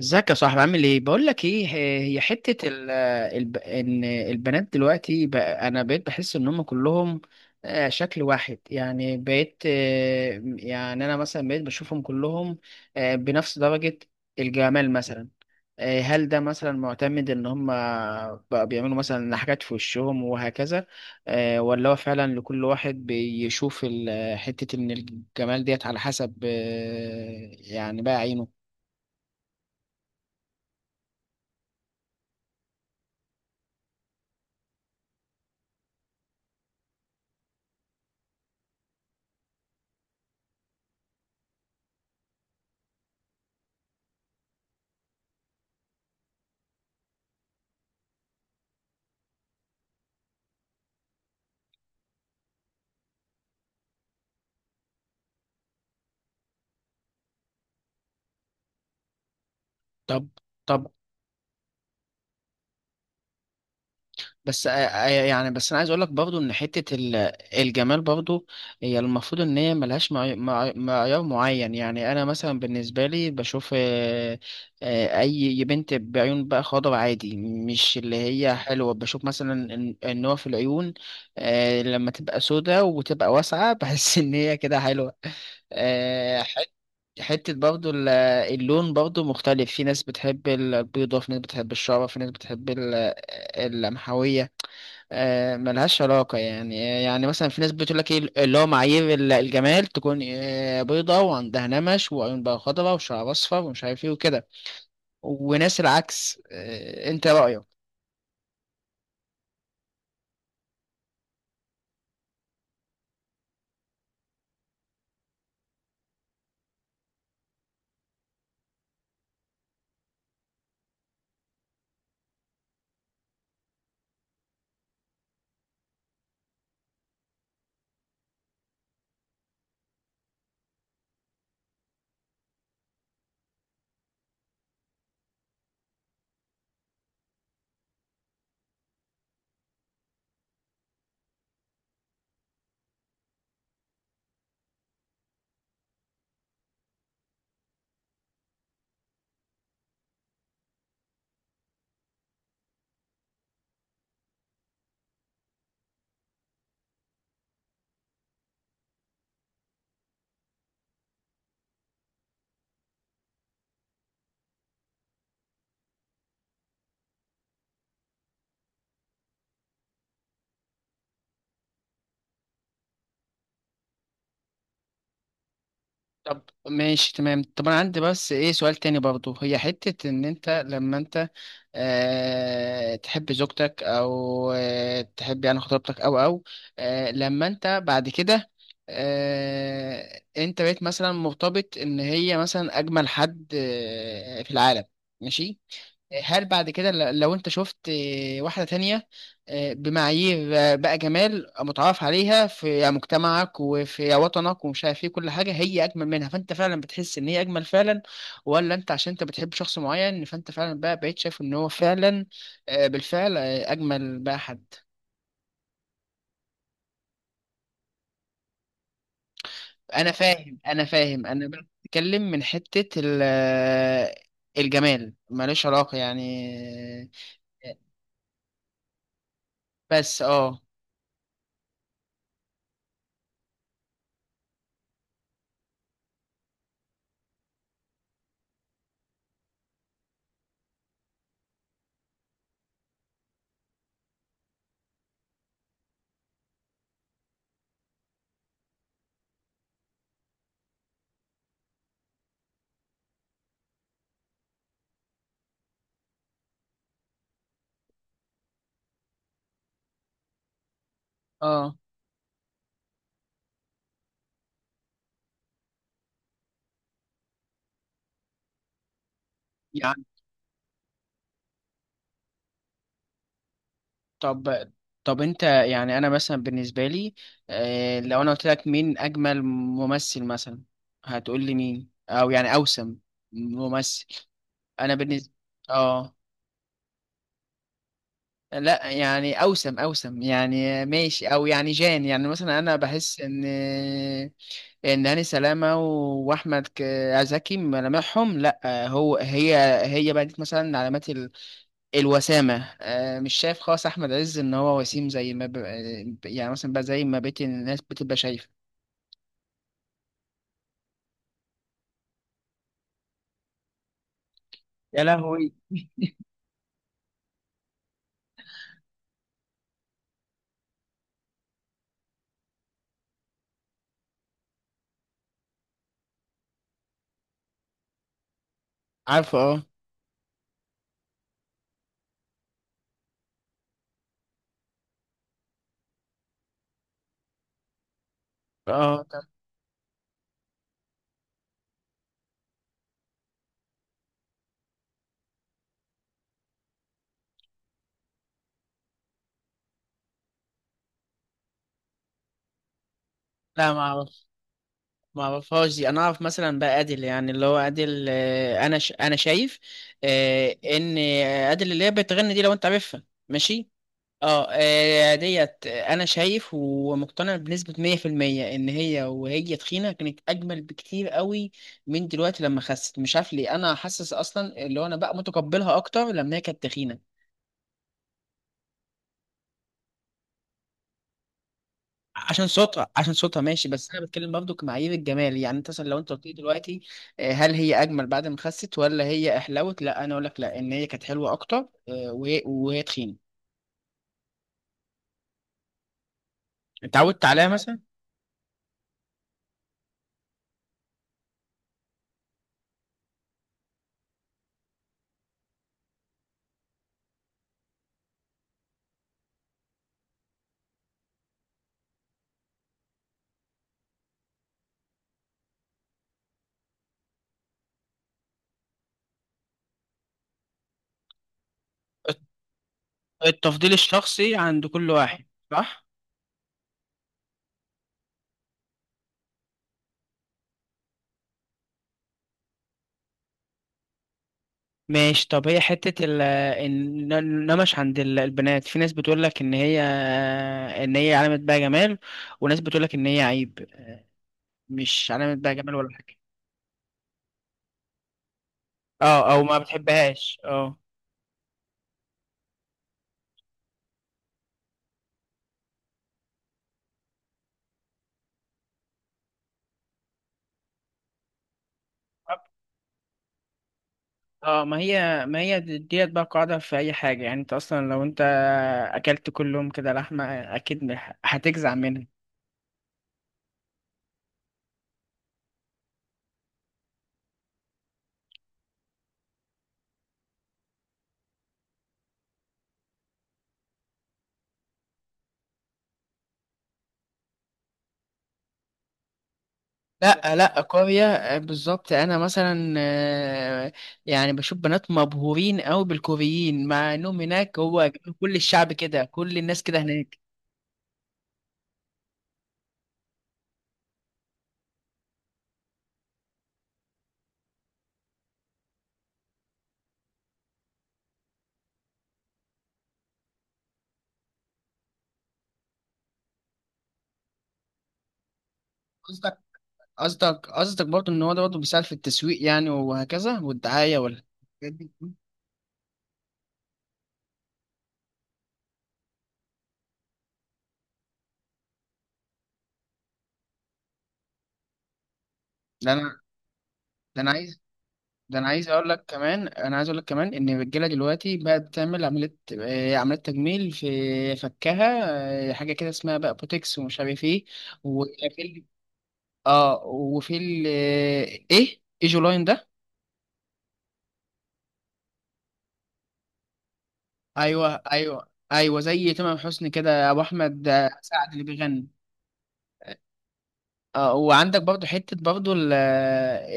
ازيك يا صاحبي، عامل ايه؟ بقول لك ايه، هي حته ال الب... ان البنات دلوقتي بقى، انا بقيت بحس ان هم كلهم شكل واحد. يعني بقيت، يعني انا مثلا بقيت بشوفهم كلهم بنفس درجه الجمال مثلا. هل ده مثلا معتمد ان هم بقى بيعملوا مثلا حاجات في وشهم وهكذا، ولا هو فعلا لكل واحد بيشوف حته ان الجمال ديت على حسب، يعني بقى عينه. طب طب، بس يعني بس انا عايز اقول لك برضو ان حته الجمال برضو، هي المفروض ان هي ملهاش معيار معين. يعني انا مثلا بالنسبه لي بشوف اي بنت بعيون بقى خضر عادي، مش اللي هي حلوه. بشوف مثلا النوع في العيون، لما تبقى سودة وتبقى واسعه بحس ان هي كده حلوه. آه، حت- حتة برضو اللون برضو مختلف، في ناس بتحب البيضة، في ناس بتحب الشعرة، في ناس بتحب اللمحوية. ملهاش علاقة يعني مثلا في ناس بتقول لك ايه، اللي هو معايير الجمال تكون بيضة وعندها نمش وعيون بقى خضراء وشعر اصفر ومش عارف ايه وكده، وناس العكس. انت رأيك؟ طب، ماشي تمام. طب انا عندي بس ايه، سؤال تاني برضو. هي حتة ان انت لما انت تحب زوجتك، او تحب يعني خطيبتك، او لما انت بعد كده انت بقيت مثلا مرتبط ان هي مثلا اجمل حد في العالم، ماشي. هل بعد كده لو انت شفت واحدة تانية بمعايير بقى جمال متعارف عليها في مجتمعك وفي وطنك ومش عارف ايه، كل حاجة هي أجمل منها، فأنت فعلا بتحس إن هي أجمل فعلا؟ ولا أنت عشان أنت بتحب شخص معين فأنت فعلا بقى بقيت شايف إن هو فعلا بالفعل أجمل بقى حد؟ أنا فاهم، أنا بقى بتكلم من حتة الجمال ملوش علاقة يعني. آه، بس اه. اه طب طب انت، يعني انا مثلا بالنسبه لي لو انا قلت لك مين اجمل ممثل مثلا، هتقول لي مين، او يعني اوسم ممثل؟ انا بالنسبه، اه لا، يعني اوسم، يعني ماشي، او يعني جان. يعني مثلا انا بحس ان هاني سلامه واحمد زكي ملامحهم، لا هو هي بقت مثلا علامات الوسامة. مش شايف خالص أحمد عز إن هو وسيم، زي ما ب... آه، يعني مثلا بقى زي ما بقية الناس بتبقى شايفة. يا لهوي. عارفه، اه. اه، لا ما أعرف، ما أعرفهاش دي. أنا أعرف مثلا بقى أديل، يعني اللي هو أديل، أنا شايف إن أديل اللي هي بتغني دي، لو أنت عارفها، ماشي. اه ديت انا شايف ومقتنع بنسبة 100% ان هي وهي تخينة كانت اجمل بكتير قوي من دلوقتي لما خست. مش عارف ليه، انا حاسس اصلا اللي هو انا بقى متقبلها اكتر لما هي كانت تخينة. عشان صوتها، ماشي، بس انا بتكلم برضه كمعايير الجمال. يعني انت مثلا لو انت قلت لي دلوقتي هل هي اجمل بعد ما خست، ولا هي احلوت؟ لا، انا اقول لك لا، ان هي كانت حلوة اكتر وهي تخينة. اتعودت عليها مثلا. التفضيل الشخصي عند كل واحد، صح. ماشي. طب هي حتة النمش عند البنات، في ناس بتقول لك إن هي، إن هي علامة بقى جمال، وناس بتقول لك إن هي عيب، مش علامة بقى جمال ولا حاجة. اه، او ما بتحبهاش، اه. اه، ما هي ديت بقى قاعدة في أي حاجة. يعني أنت أصلا لو أنت أكلت كل يوم كده لحمة، أكيد هتجزع منها. لا، لا، كوريا بالظبط. انا مثلا يعني بشوف بنات مبهورين قوي بالكوريين، مع انهم هناك هو كل الشعب كده، كل الناس كده هناك. قصدك قصدك برضه ان هو ده برضه بيساعد في التسويق يعني وهكذا والدعايه، ولا الحاجات دي. ده انا ده انا عايز ده انا عايز اقول لك كمان انا عايز اقول لك كمان ان الرجاله دلوقتي بقت بتعمل عمليه، عمليه تجميل في فكها. حاجه كده اسمها بقى بوتكس ومش عارف ايه وشاكيل. اه، وفي ال، ايه ايه جولاين ده؟ ايوه، ايوه، ايوه، زي تمام حسني كده، ابو احمد سعد اللي بيغني. اه، وعندك برضو حته برضو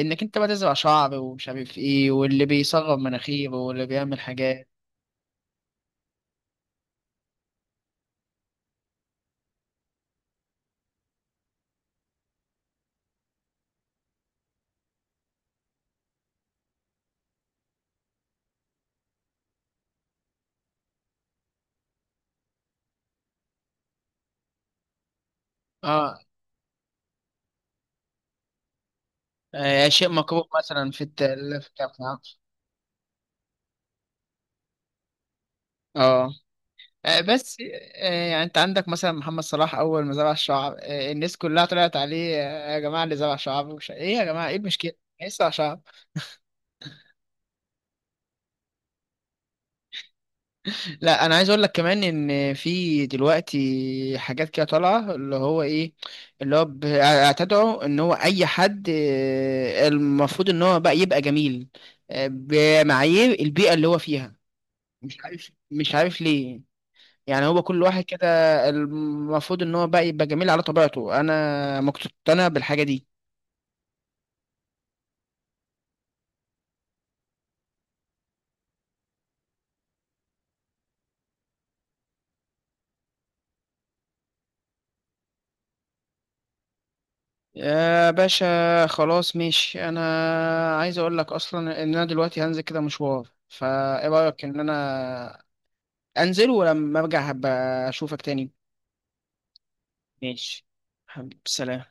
انك انت بقى تزرع شعر ومش عارف ايه، واللي بيصغر مناخيره، واللي بيعمل حاجات. اه شيء مكروه مثلا في التالف. اه آه، بس آه، يعني انت عندك مثلا محمد صلاح، اول ما زرع الشعر الناس كلها طلعت عليه، يا جماعه اللي زرع شعر، ايه يا جماعه، ايه المشكله؟ لسه شعر. لا، انا عايز اقول لك كمان ان في دلوقتي حاجات كده طالعه، اللي هو ايه، اللي هو اعتدعوا ان هو اي حد المفروض ان هو بقى يبقى جميل بمعايير البيئه اللي هو فيها. مش عارف ليه. يعني هو كل واحد كده المفروض ان هو بقى يبقى جميل على طبيعته، انا مقتنع بالحاجه دي. يا باشا، خلاص ماشي. انا عايز اقول لك اصلا ان انا دلوقتي هنزل كده مشوار، فايه رايك ان انا انزل، ولما ارجع هبقى اشوفك تاني؟ ماشي، حبيبي، سلام.